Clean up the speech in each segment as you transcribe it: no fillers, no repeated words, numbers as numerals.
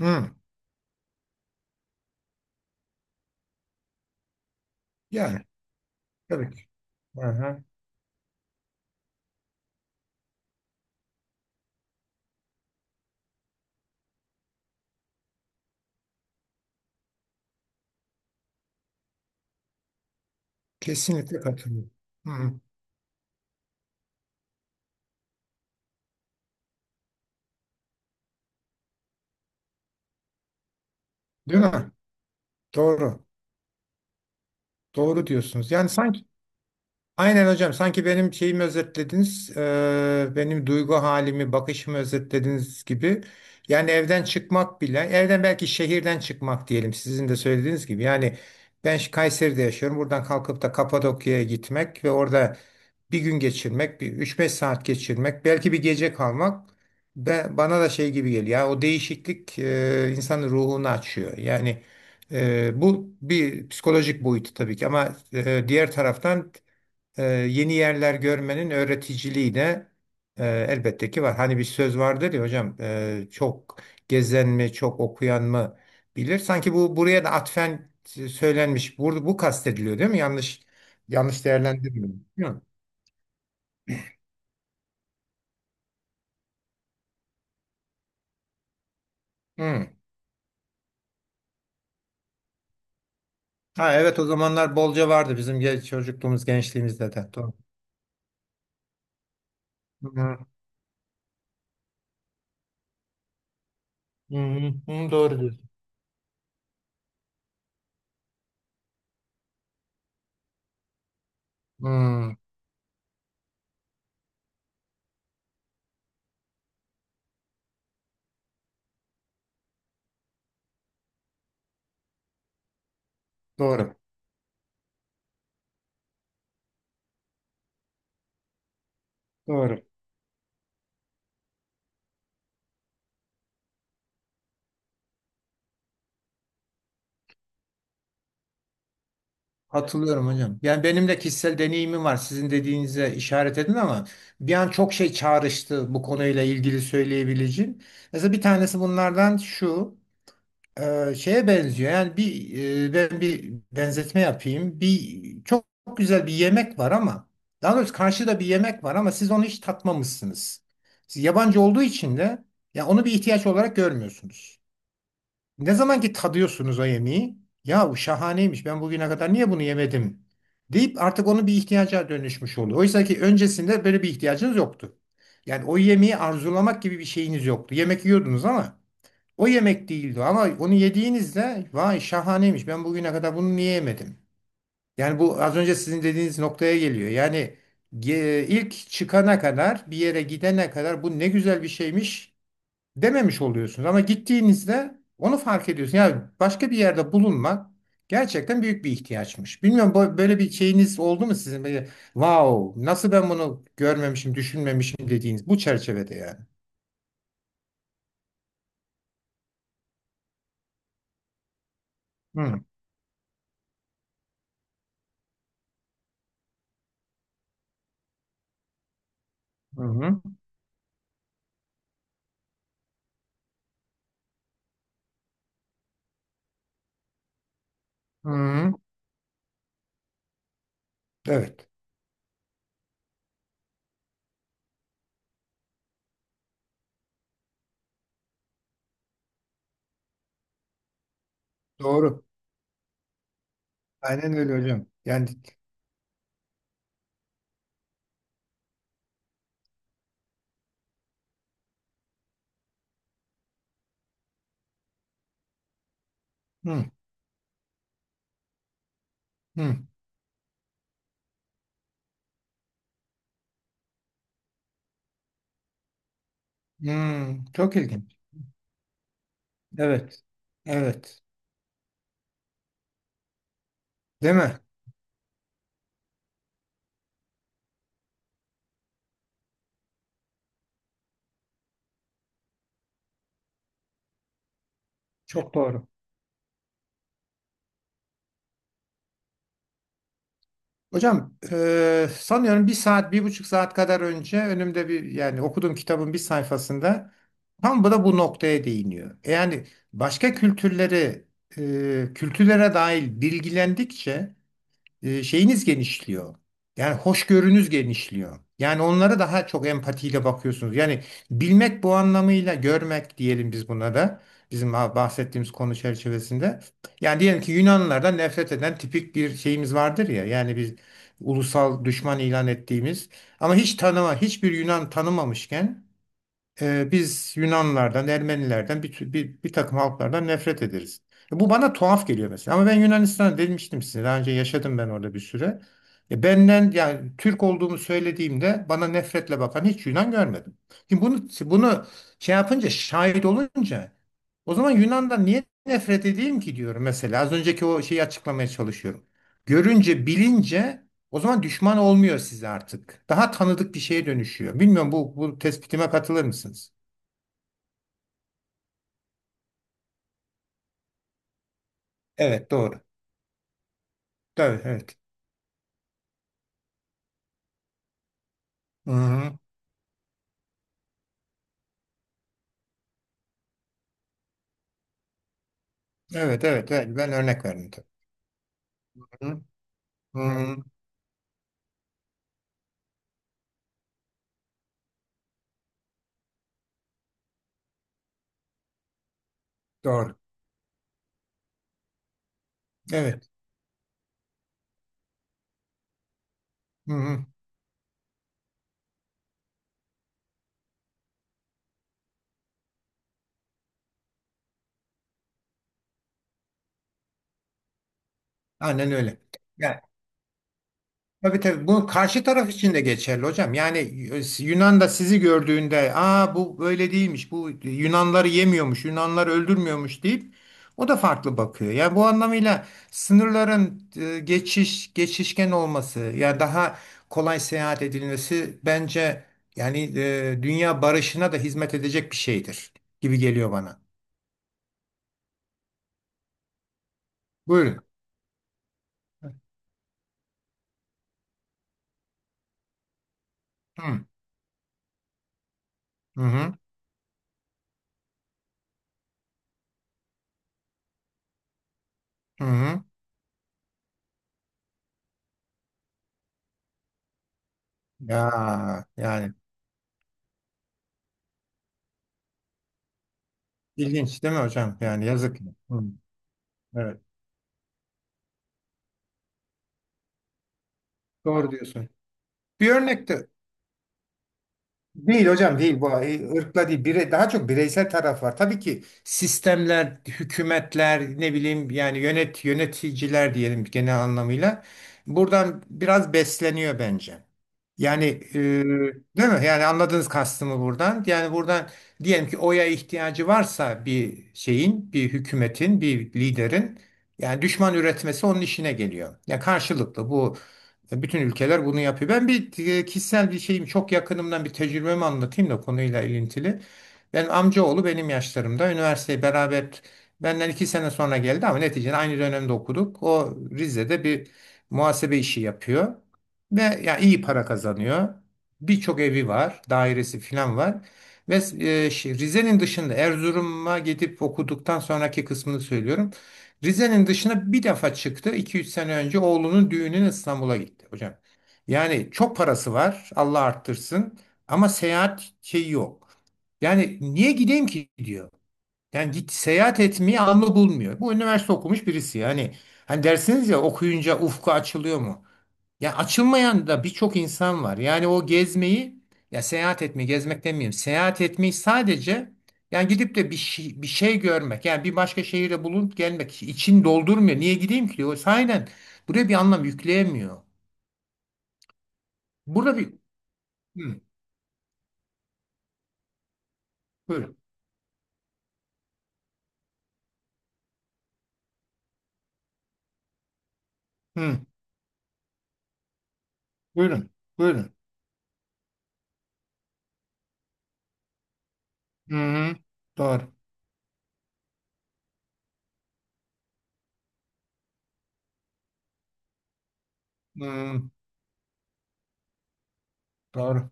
Hı, yani tabii ki. Aha, kesinlikle katılıyorum. Hı, değil mi? Doğru. Doğru diyorsunuz. Yani sanki aynen hocam sanki benim şeyimi özetlediniz. Benim duygu halimi, bakışımı özetlediniz gibi. Yani evden çıkmak bile, evden belki şehirden çıkmak diyelim sizin de söylediğiniz gibi. Yani ben Kayseri'de yaşıyorum. Buradan kalkıp da Kapadokya'ya gitmek ve orada bir gün geçirmek, bir 3-5 saat geçirmek, belki bir gece kalmak ben, bana da şey gibi geliyor. Ya, o değişiklik insanın ruhunu açıyor. Yani bu bir psikolojik boyutu tabii ki, ama diğer taraftan yeni yerler görmenin öğreticiliği de elbette ki var. Hani bir söz vardır ya hocam, çok gezen mi, çok okuyan mı bilir. Sanki bu buraya da atfen söylenmiş. Bu kastediliyor değil mi? Yanlış değerlendirmiyorum, değil mi? Hı. Ha evet, o zamanlar bolca vardı bizim çocukluğumuz gençliğimizde de. Doğru. Hı hı, hı hı, doğru diyorsun. Hı, doğru. Doğru. Hatırlıyorum hocam. Yani benim de kişisel deneyimim var. Sizin dediğinize işaret edin ama bir an çok şey çağrıştı, bu konuyla ilgili söyleyebileceğim. Mesela bir tanesi bunlardan şu. Şeye benziyor. Yani bir ben bir benzetme yapayım. Bir çok, çok güzel bir yemek var ama, daha doğrusu karşıda bir yemek var ama siz onu hiç tatmamışsınız. Siz yabancı olduğu için de ya onu bir ihtiyaç olarak görmüyorsunuz. Ne zaman ki tadıyorsunuz o yemeği, ya bu şahaneymiş. Ben bugüne kadar niye bunu yemedim deyip artık onu bir ihtiyaca dönüşmüş oluyor. Oysa ki öncesinde böyle bir ihtiyacınız yoktu. Yani o yemeği arzulamak gibi bir şeyiniz yoktu. Yemek yiyordunuz ama o yemek değildi, ama onu yediğinizde vay şahaneymiş, ben bugüne kadar bunu niye yemedim? Yani bu az önce sizin dediğiniz noktaya geliyor. Yani ilk çıkana kadar, bir yere gidene kadar bu ne güzel bir şeymiş dememiş oluyorsunuz. Ama gittiğinizde onu fark ediyorsun. Yani başka bir yerde bulunmak gerçekten büyük bir ihtiyaçmış. Bilmiyorum, böyle bir şeyiniz oldu mu sizin? Böyle, wow nasıl ben bunu görmemişim düşünmemişim dediğiniz bu çerçevede yani. Hı hı. Hı hı. Evet. Doğru. Aynen öyle hocam. Yani hı, hı, hı. Çok ilginç. Evet. Evet. Değil mi? Çok doğru. Hocam, sanıyorum bir saat, 1,5 saat kadar önce önümde bir, yani okuduğum kitabın bir sayfasında tam bu da bu noktaya değiniyor. Yani başka kültürleri, kültürlere dair bilgilendikçe şeyiniz genişliyor. Yani hoşgörünüz genişliyor. Yani onlara daha çok empatiyle bakıyorsunuz. Yani bilmek, bu anlamıyla görmek diyelim biz buna da. Bizim bahsettiğimiz konu çerçevesinde. Yani diyelim ki Yunanlılardan nefret eden tipik bir şeyimiz vardır ya. Yani biz ulusal düşman ilan ettiğimiz ama hiç tanıma, hiçbir Yunan tanımamışken, biz Yunanlardan, Ermenilerden, bir takım halklardan nefret ederiz. Bu bana tuhaf geliyor mesela. Ama ben Yunanistan'a demiştim size. Daha önce yaşadım ben orada bir süre. Benden yani Türk olduğumu söylediğimde bana nefretle bakan hiç Yunan görmedim. Şimdi bunu şey yapınca, şahit olunca o zaman Yunan'dan niye nefret edeyim ki diyorum mesela. Az önceki o şeyi açıklamaya çalışıyorum. Görünce, bilince o zaman düşman olmuyor size artık. Daha tanıdık bir şeye dönüşüyor. Bilmiyorum, bu tespitime katılır mısınız? Evet doğru. Evet evet. Hı-hı. Evet evet evet. Ben örnek verdim tabii. Hı-hı. Hı-hı. Doğru. Evet. Hı-hı. Aynen öyle. Tabii tabii, bu karşı taraf için de geçerli hocam. Yani Yunan da sizi gördüğünde aa bu böyle değilmiş, bu Yunanları yemiyormuş, Yunanları öldürmüyormuş deyip o da farklı bakıyor. Yani bu anlamıyla sınırların geçişken olması, yani daha kolay seyahat edilmesi, bence yani dünya barışına da hizmet edecek bir şeydir gibi geliyor bana. Buyurun. Hı hı hı. Hı. Ya yani ilginç değil mi hocam? Yani yazık. Hı. Evet. Doğru diyorsun. Bir örnek de değil hocam, değil bu ırkla değil, daha çok bireysel taraf var. Tabii ki sistemler, hükümetler, ne bileyim, yani yöneticiler diyelim, genel anlamıyla buradan biraz besleniyor bence. Yani değil mi? Yani anladınız kastımı buradan. Yani buradan diyelim ki oya ihtiyacı varsa bir şeyin, bir hükümetin, bir liderin, yani düşman üretmesi onun işine geliyor. Ya karşılıklı bu, bütün ülkeler bunu yapıyor. Ben bir kişisel bir şeyim, çok yakınımdan bir tecrübemi anlatayım da konuyla ilintili. Benim amcaoğlu benim yaşlarımda üniversiteyi beraber, benden 2 sene sonra geldi ama neticede aynı dönemde okuduk. O Rize'de bir muhasebe işi yapıyor ve ya iyi para kazanıyor. Birçok evi var, dairesi falan var. Ve Rize'nin dışında Erzurum'a gidip okuduktan sonraki kısmını söylüyorum. Rize'nin dışına bir defa çıktı. 2-3 sene önce oğlunun düğününe İstanbul'a gitti hocam. Yani çok parası var, Allah arttırsın. Ama seyahat şeyi yok. Yani niye gideyim ki diyor. Yani git, seyahat etmeyi anlı bulmuyor. Bu üniversite okumuş birisi. Yani hani dersiniz ya, okuyunca ufku açılıyor mu? Ya açılmayan da birçok insan var. Yani o gezmeyi, ya seyahat etmeyi, gezmek demeyeyim, seyahat etmeyi sadece, yani gidip de bir şey görmek. Yani bir başka şehire bulunup gelmek için doldurmuyor. Niye gideyim ki diyor. O sahiden buraya bir anlam yükleyemiyor. Burada bir Hı, buyurun. Hı, buyurun. Buyurun. Hı, hı, doğru. Hı, doğru.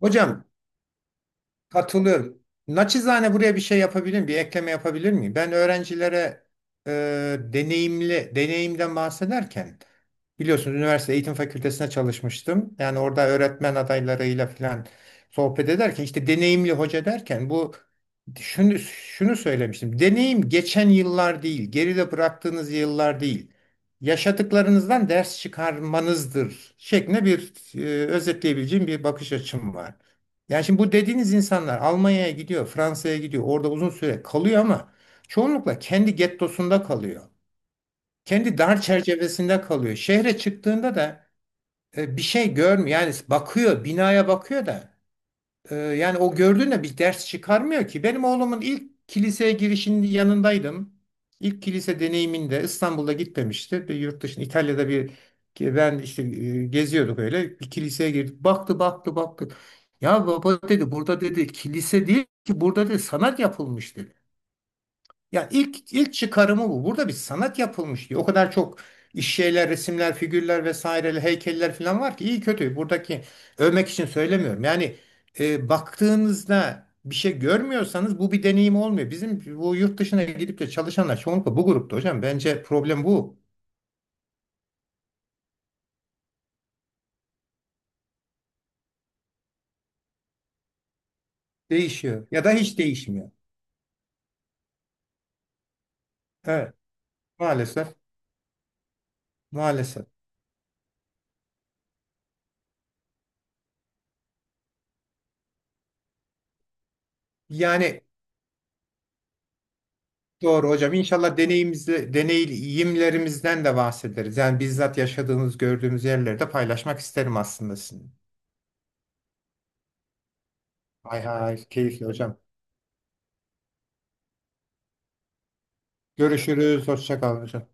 Hocam, katılıyorum. Naçizane buraya bir şey yapabilir miyim? Bir ekleme yapabilir miyim? Ben öğrencilere deneyimli, deneyimden bahsederken, biliyorsunuz üniversite eğitim fakültesine çalışmıştım. Yani orada öğretmen adaylarıyla falan sohbet ederken işte deneyimli hoca derken bu şunu söylemiştim. Deneyim geçen yıllar değil, geride bıraktığınız yıllar değil, yaşadıklarınızdan ders çıkarmanızdır şeklinde bir özetleyebileceğim bir bakış açım var. Yani şimdi bu dediğiniz insanlar Almanya'ya gidiyor, Fransa'ya gidiyor, orada uzun süre kalıyor ama çoğunlukla kendi gettosunda kalıyor. Kendi dar çerçevesinde kalıyor. Şehre çıktığında da bir şey görmüyor. Yani bakıyor, binaya bakıyor da yani o gördüğüne bir ders çıkarmıyor ki. Benim oğlumun ilk kiliseye girişinin yanındaydım. İlk kilise deneyiminde İstanbul'da gitmemişti. Bir yurt dışında, İtalya'da bir, ben işte geziyorduk öyle. Bir kiliseye girdik. Baktı baktı baktı. Ya baba dedi, burada dedi kilise değil ki, burada dedi sanat yapılmış dedi. Ya ilk çıkarımı bu. Burada bir sanat yapılmış diyor. O kadar çok iş, şeyler, resimler, figürler vesaire, heykeller falan var ki, iyi kötü. Buradaki övmek için söylemiyorum. Yani baktığınızda bir şey görmüyorsanız bu bir deneyim olmuyor. Bizim bu yurt dışına gidip de çalışanlar çoğunlukla bu grupta hocam. Bence problem bu. Değişiyor ya da hiç değişmiyor. Evet, maalesef, maalesef. Yani doğru hocam. İnşallah deneyimlerimizden de bahsederiz. Yani bizzat yaşadığınız, gördüğünüz yerleri de paylaşmak isterim aslında sizin. Hay hay, keyifli hocam. Görüşürüz, hoşça kalın hocam.